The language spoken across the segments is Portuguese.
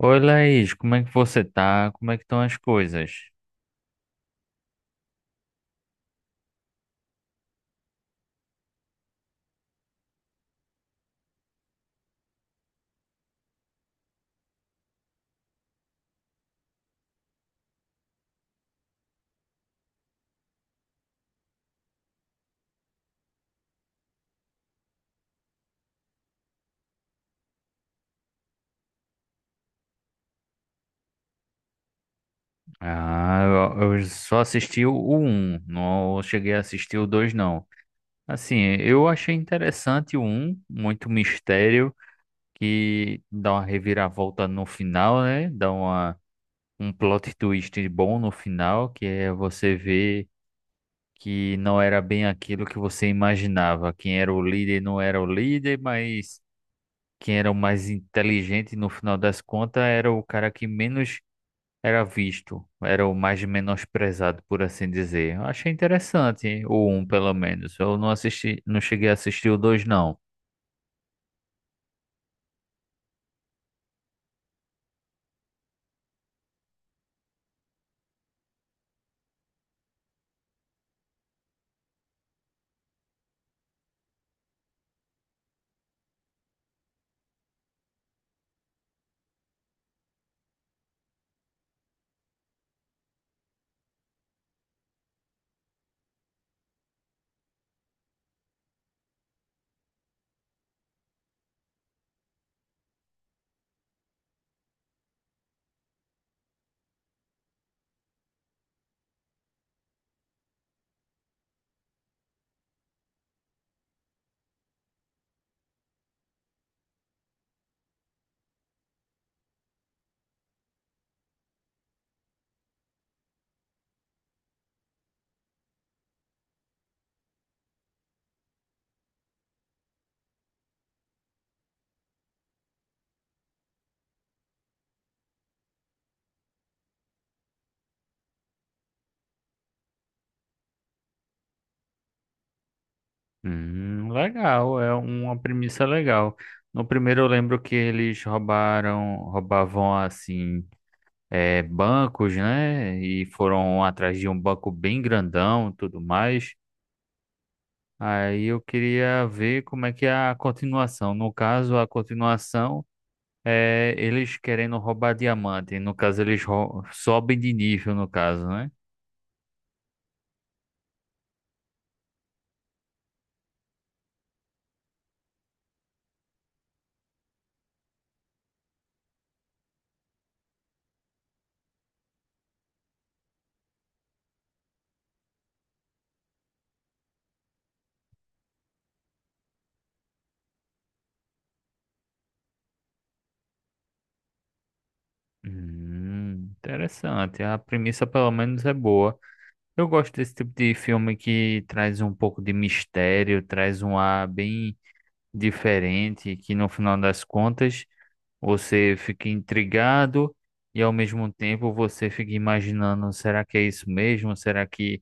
Oi, Laís, como é que você tá? Como é que estão as coisas? Ah, eu só assisti o um, não cheguei a assistir o 2 não. Assim, eu achei interessante o um, muito mistério, que dá uma reviravolta no final, né? Um plot twist bom no final, que é você ver que não era bem aquilo que você imaginava. Quem era o líder não era o líder, mas quem era o mais inteligente no final das contas era o cara que menos era visto, era o mais menosprezado, por assim dizer. Eu achei interessante, o um pelo menos. Eu não assisti, não cheguei a assistir o dois não. Legal, é uma premissa legal. No primeiro eu lembro que roubavam assim, bancos, né? E foram atrás de um banco bem grandão, e tudo mais. Aí eu queria ver como é que é a continuação. No caso, a continuação é, eles querendo roubar diamante. No caso, sobem de nível, no caso, né? Interessante. A premissa, pelo menos, é boa. Eu gosto desse tipo de filme que traz um pouco de mistério, traz um ar bem diferente, que no final das contas você fica intrigado e ao mesmo tempo você fica imaginando, será que é isso mesmo? Será que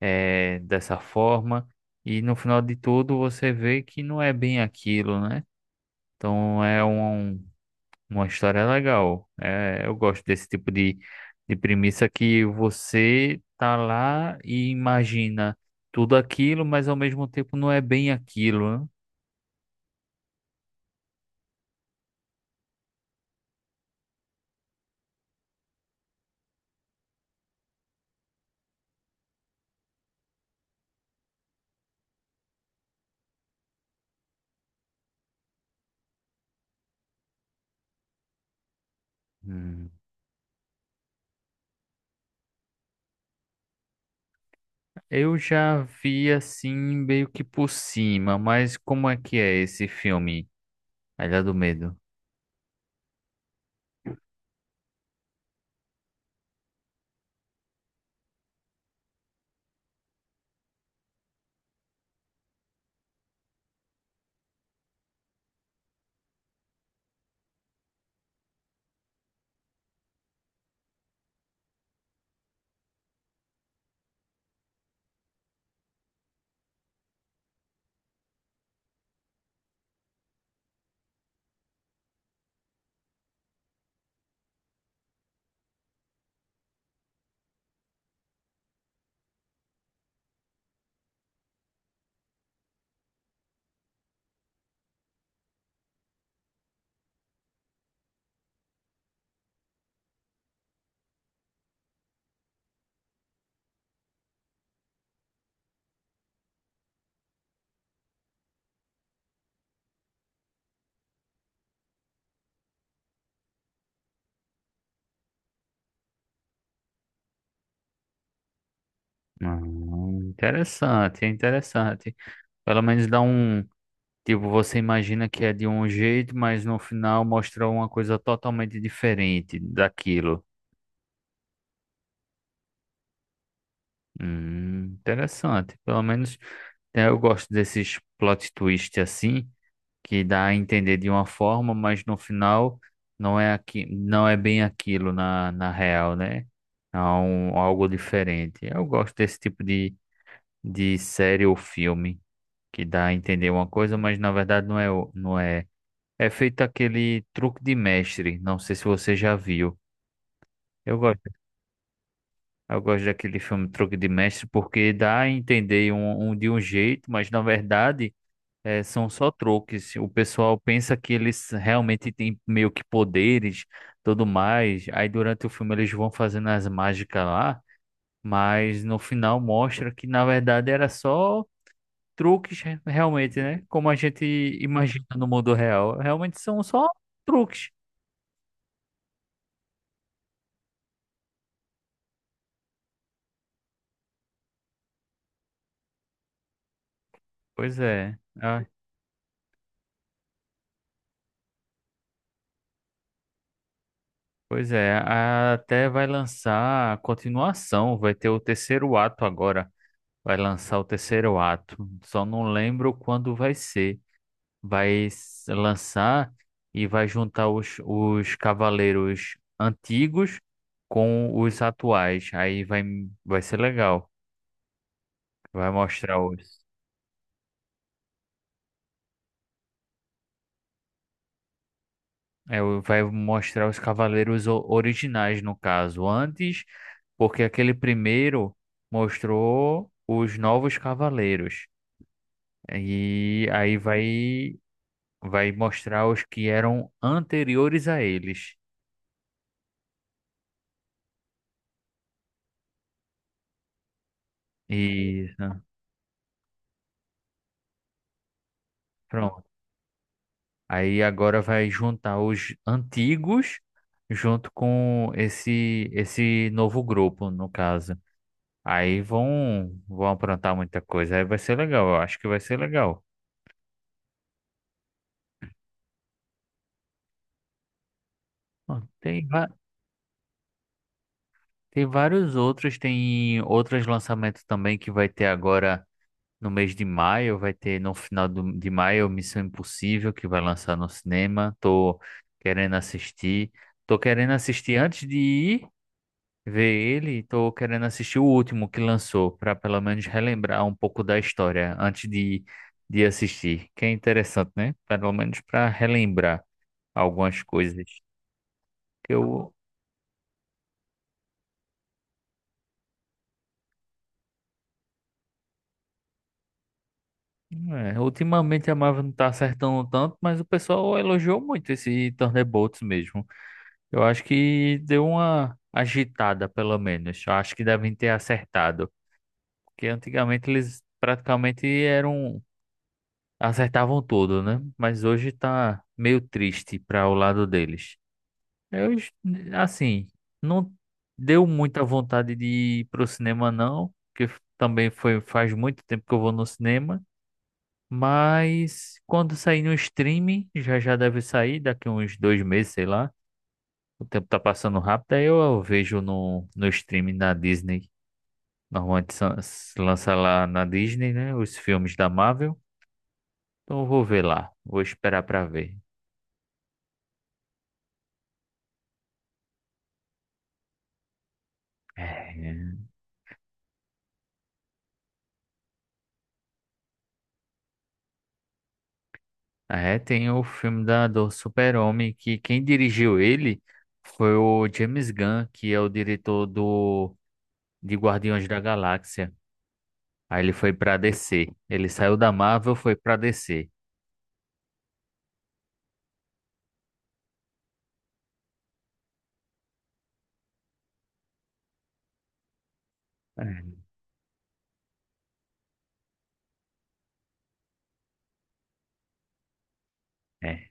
é dessa forma? E no final de tudo você vê que não é bem aquilo, né? Então é um, uma história legal. É, eu gosto desse tipo de premissa que você tá lá e imagina tudo aquilo, mas ao mesmo tempo não é bem aquilo, né? Hum. Eu já vi assim meio que por cima, mas como é que é esse filme? A Ilha do Medo. Interessante, é interessante. Pelo menos dá um. Tipo, você imagina que é de um jeito, mas no final mostra uma coisa totalmente diferente daquilo. Interessante. Pelo menos né, eu gosto desses plot twist assim, que dá a entender de uma forma, mas no final não é bem aquilo na real, né? Algo diferente. Eu gosto desse tipo de série ou filme que dá a entender uma coisa, mas na verdade não é. É feito aquele Truque de Mestre, não sei se você já viu. Eu gosto, eu gosto daquele filme Truque de Mestre porque dá a entender um de um jeito, mas na verdade são só truques. O pessoal pensa que eles realmente têm meio que poderes, tudo mais. Aí durante o filme eles vão fazendo as mágicas lá, mas no final mostra que na verdade era só realmente, né? Como a gente imagina no mundo real, realmente são só truques. Pois é. Ah, pois é, até vai lançar a continuação, vai ter o terceiro ato agora. Vai lançar o terceiro ato. Só não lembro quando vai ser. Lançar e vai juntar os cavaleiros antigos com os atuais. Vai ser legal. Vai mostrar os, Vai mostrar os cavaleiros originais, no caso, antes, porque aquele primeiro mostrou os novos cavaleiros. E aí vai mostrar os que eram anteriores a eles. E né, pronto. Aí agora vai juntar os antigos junto com esse novo grupo, no caso. Aí vão aprontar muita coisa. Aí vai ser legal, eu acho que vai ser legal. Ó, tem vários outros, tem outros lançamentos também que vai ter agora. No mês de maio vai ter, no final de maio, Missão Impossível, que vai lançar no cinema. Tô querendo assistir. Tô querendo assistir antes de ir ver ele. Tô querendo assistir o último que lançou, para pelo menos relembrar um pouco da história antes de assistir. Que é interessante, né? Pelo menos para relembrar algumas coisas. Que eu, Ultimamente a Marvel não tá acertando tanto, mas o pessoal elogiou muito esse Thunderbolts mesmo. Eu acho que deu uma agitada, pelo menos. Eu acho que devem ter acertado. Porque antigamente eles praticamente eram. Acertavam tudo, né? Mas hoje tá meio triste para o lado deles. Eu, es- assim, não deu muita vontade de ir pro cinema, não. Porque também foi, faz muito tempo que eu vou no cinema. Mas quando sair no streaming, já já deve sair daqui uns dois meses, sei lá. O tempo tá passando rápido, aí eu vejo no streaming da Disney. Normalmente se lança lá na Disney, né? Os filmes da Marvel. Então eu vou ver lá. Vou esperar pra ver. É, é, tem o filme do Super-Homem, que quem dirigiu ele foi o James Gunn, que é o diretor de Guardiões da Galáxia. Aí ele foi pra DC. Ele saiu da Marvel, foi pra DC. É. É.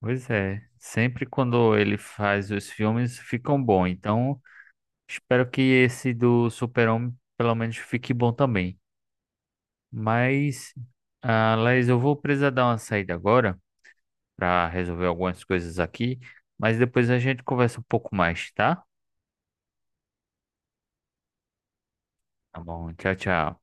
Pois é, sempre quando ele faz os filmes ficam bons. Então espero que esse do Super-Homem pelo menos fique bom também. Mas, ah, Laís, eu vou precisar dar uma saída agora para resolver algumas coisas aqui, mas depois a gente conversa um pouco mais, tá? Tá bom, tchau, tchau.